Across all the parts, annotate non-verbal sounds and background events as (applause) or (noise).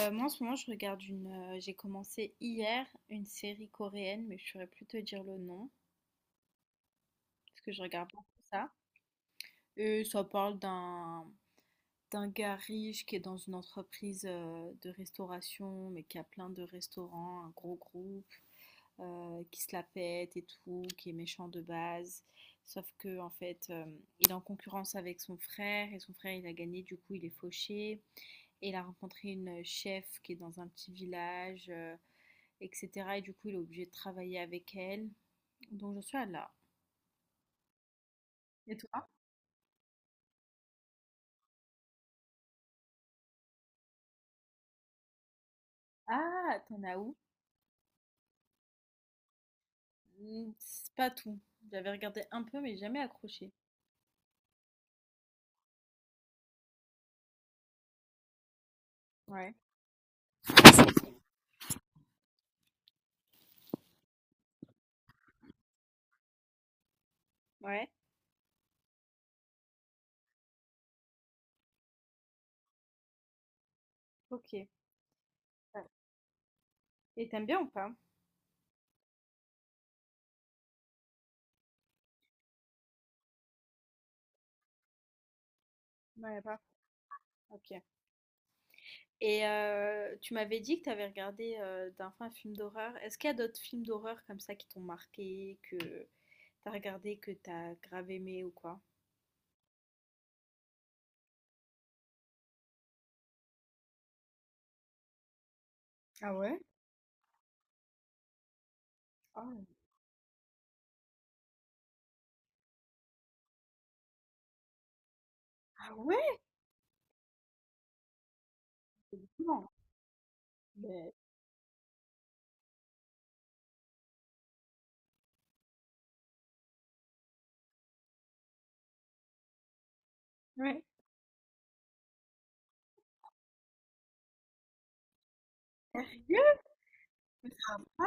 Moi, en ce moment, je regarde une j'ai commencé hier une série coréenne, mais je saurais plus te dire le nom parce que je regarde beaucoup ça, et ça parle d'un gars riche qui est dans une entreprise de restauration, mais qui a plein de restaurants, un gros groupe qui se la pète et tout, qui est méchant de base, sauf que en fait il est en concurrence avec son frère, et son frère il a gagné, du coup il est fauché, et il a rencontré une chef qui est dans un petit village et cetera. Et du coup, il est obligé de travailler avec elle. Donc, j'en suis à là. Et toi? Ah, t'en as où? C'est pas tout. J'avais regardé un peu, mais jamais accroché. Ouais. Ouais, ok. Ouais. Et t'aimes bien ou pas? Ouais, pas. Ok. Et tu m'avais dit que t'avais regardé d'un un film d'horreur. Est-ce qu'il y a d'autres films d'horreur comme ça qui t'ont marqué, que t'as regardé, que t'as grave aimé ou quoi? Ah ouais? Ah, ah ouais? Bon. Mais... Ouais. Sérieux? Mais ça va.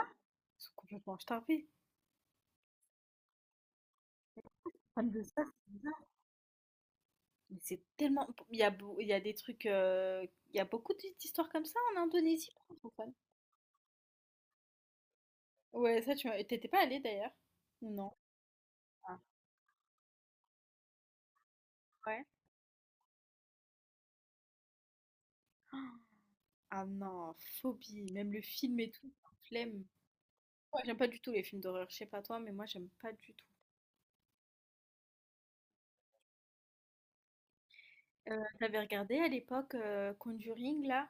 Ils sont complètement starvés. Fans de ça, c'est bizarre. Mais c'est tellement. Il y a des trucs. Il y a beaucoup d'histoires comme ça en Indonésie, francophone. Ouais, ça, t'étais pas allée d'ailleurs? Ou non. Ah, ouais. Ah non, phobie. Même le film et tout, flemme. Ouais, j'aime pas du tout les films d'horreur. Je sais pas toi, mais moi, j'aime pas du tout. T'avais regardé à l'époque Conjuring, là?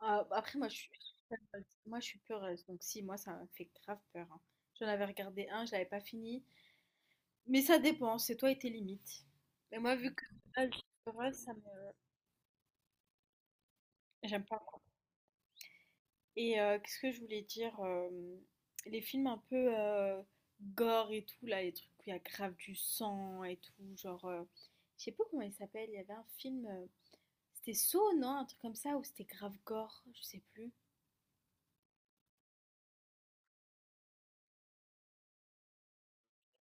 Ah, bah, après, je suis peureuse. Donc, si, moi, ça me fait grave peur, hein. J'en avais regardé un, je l'avais pas fini. Mais ça dépend, c'est toi et tes limites. Mais moi, vu que ah, suis heureuse, ça me... j'aime pas. Qu'est-ce que je voulais dire les films un peu gore et tout, là, les trucs où il y a grave du sang et tout, genre. Je sais pas comment il s'appelle, il y avait un film. C'était Saw, non? Un truc comme ça, ou c'était grave gore, je sais plus.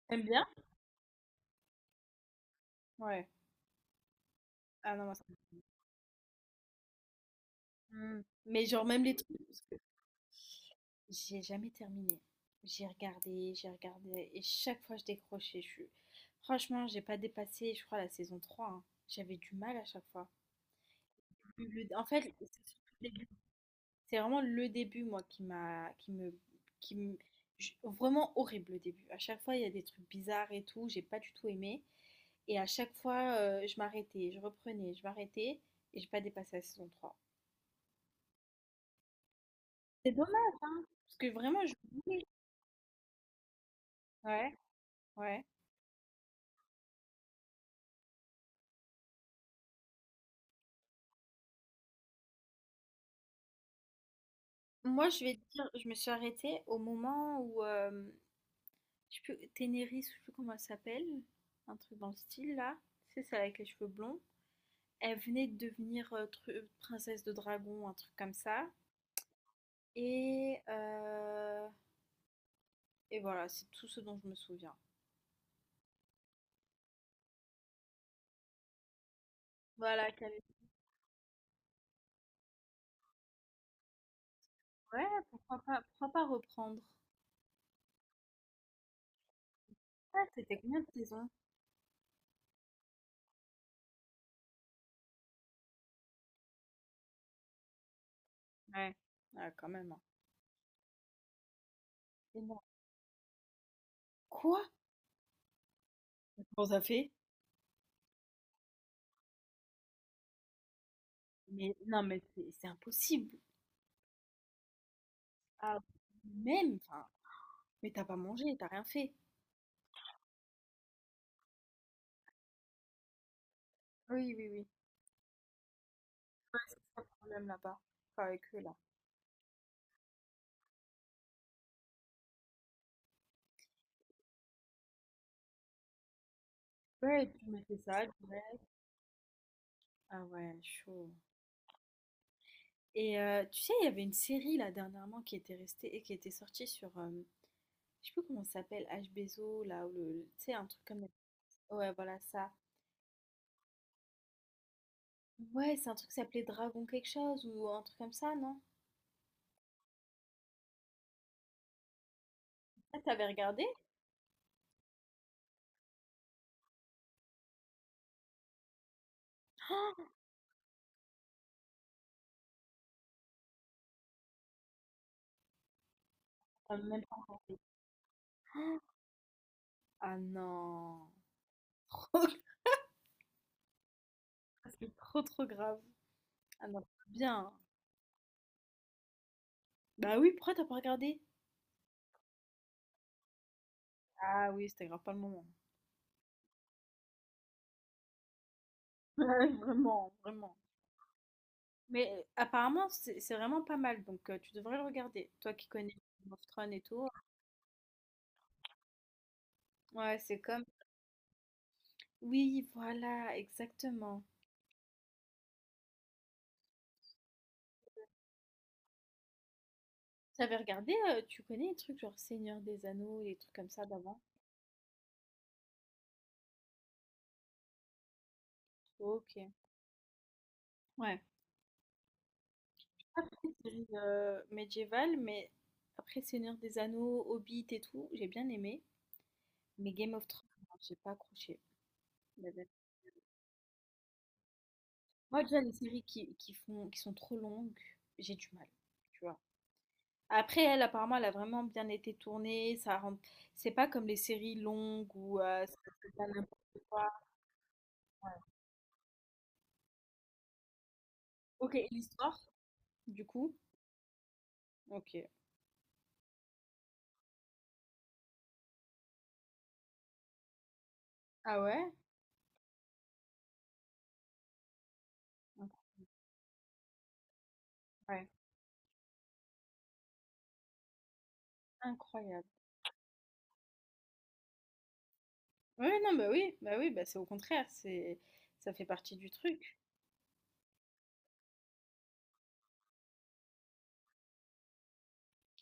T'aimes bien? Ouais. Ah non, moi ça. Hmm. Mais genre, même les... J'ai jamais terminé. J'ai regardé, et chaque fois je décrochais. Je... Franchement, j'ai pas dépassé, je crois, la saison trois, hein. J'avais du mal à chaque fois. En fait, c'est surtout le début. C'est vraiment le début, moi, qui m'a, qui me- j- vraiment horrible le début. À chaque fois, il y a des trucs bizarres et tout. J'ai pas du tout aimé. Et à chaque fois, je m'arrêtais, je reprenais, je m'arrêtais, et j'ai pas dépassé la saison 3. C'est dommage, hein, parce que vraiment, je voulais. Ouais, ouais. Moi, je vais te dire, je me suis arrêtée au moment où, je sais plus, Ténéris, je sais plus comment elle s'appelle, un truc dans le style là, c'est celle avec les cheveux blonds. Elle venait de devenir princesse de dragon, un truc comme ça. Et, euh, et voilà, c'est tout ce dont je me souviens. Voilà, qu'elle est-... Ouais, pourquoi pas reprendre? Ah, c'était combien de saisons? Ouais, ah, quand même, hein. Et moi, quoi? Comment ça fait? Mais non, mais c'est impossible. Ah, même, enfin. Mais t'as pas mangé, t'as rien fait. Oui, oui, oui. Ouais, c'est ça le problème là-bas. Enfin, avec eux là. Ouais, tu m'as fait ça, ouais. Ah ouais, chaud. Et tu sais, il y avait une série là dernièrement qui était restée et qui était sortie sur, je sais plus comment ça s'appelle, HBZO là, ou le, tu sais, un truc comme. Ouais, voilà ça. Ouais, c'est un truc qui s'appelait Dragon quelque chose ou un truc comme ça, non? Ah, t'avais regardé? Ah, t'as même pas regardé. Ah non. (laughs) C'est trop trop grave. Ah non, bien. Bah oui, pourquoi t'as pas regardé? Ah oui, c'était grave pas le moment. (laughs) Ouais, vraiment, vraiment. Mais apparemment, c'est vraiment pas mal, donc tu devrais le regarder. Toi qui connais Game of Thrones et tout. Ouais, c'est comme... Oui, voilà, exactement. T'avais regardé, tu connais les trucs genre Seigneur des Anneaux, les trucs comme ça d'avant? Ok. Ouais. Après, série médiévale, mais après Seigneur des Anneaux, Hobbit et tout, j'ai bien aimé. Mais Game of Thrones, non, j'ai pas accroché. La vérité. Moi, déjà, les séries qui sont trop longues, j'ai du mal. Tu vois. Après, elle, apparemment, elle a vraiment bien été tournée. Ça rend... C'est pas comme les séries longues ou ça fait pas n'importe quoi. Ok, et l'histoire, du coup? Ok. Ah ouais? Incroyable. Incroyable. Ouais, non, bah oui, bah oui, bah c'est au contraire, c'est ça fait partie du truc.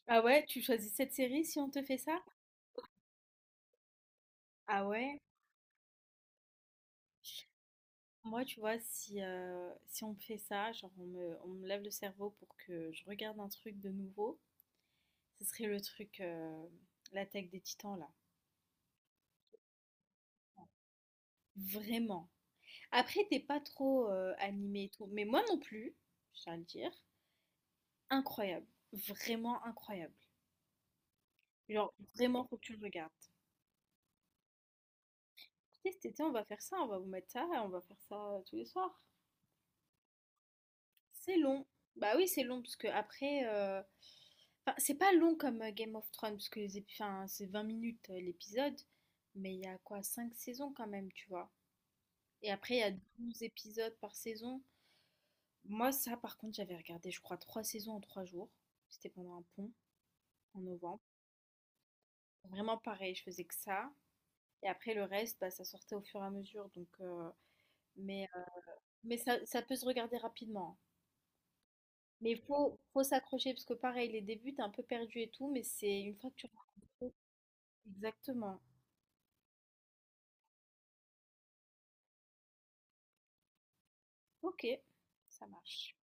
Ah ouais, tu choisis cette série si on te fait ça? Ah ouais? Moi, tu vois, si, si on me fait ça, genre on me lève le cerveau pour que je regarde un truc de nouveau, ce serait le truc, l'attaque des titans, là. Vraiment. Après, t'es pas trop animé et tout. Mais moi non plus, je tiens à le dire. Incroyable. Vraiment incroyable. Genre, vraiment, faut que tu le regardes. Écoutez, cet été, on va faire ça, on va vous mettre ça, on va faire ça tous les soirs. C'est long. Bah oui, c'est long, parce que après. Enfin, c'est pas long comme Game of Thrones, parce que enfin, c'est 20 minutes l'épisode. Mais il y a quoi, 5 saisons quand même, tu vois. Et après, il y a 12 épisodes par saison. Moi, ça, par contre, j'avais regardé, je crois, 3 saisons en 3 jours. C'était pendant un pont en novembre. Vraiment pareil, je faisais que ça. Et après, le reste, bah, ça sortait au fur et à mesure. Donc, mais euh, mais ça peut se regarder rapidement. Mais il faut s'accrocher parce que pareil, les débuts, t'es un peu perdu et tout, mais c'est une fois que tu rencontres. Exactement. Ok, ça marche.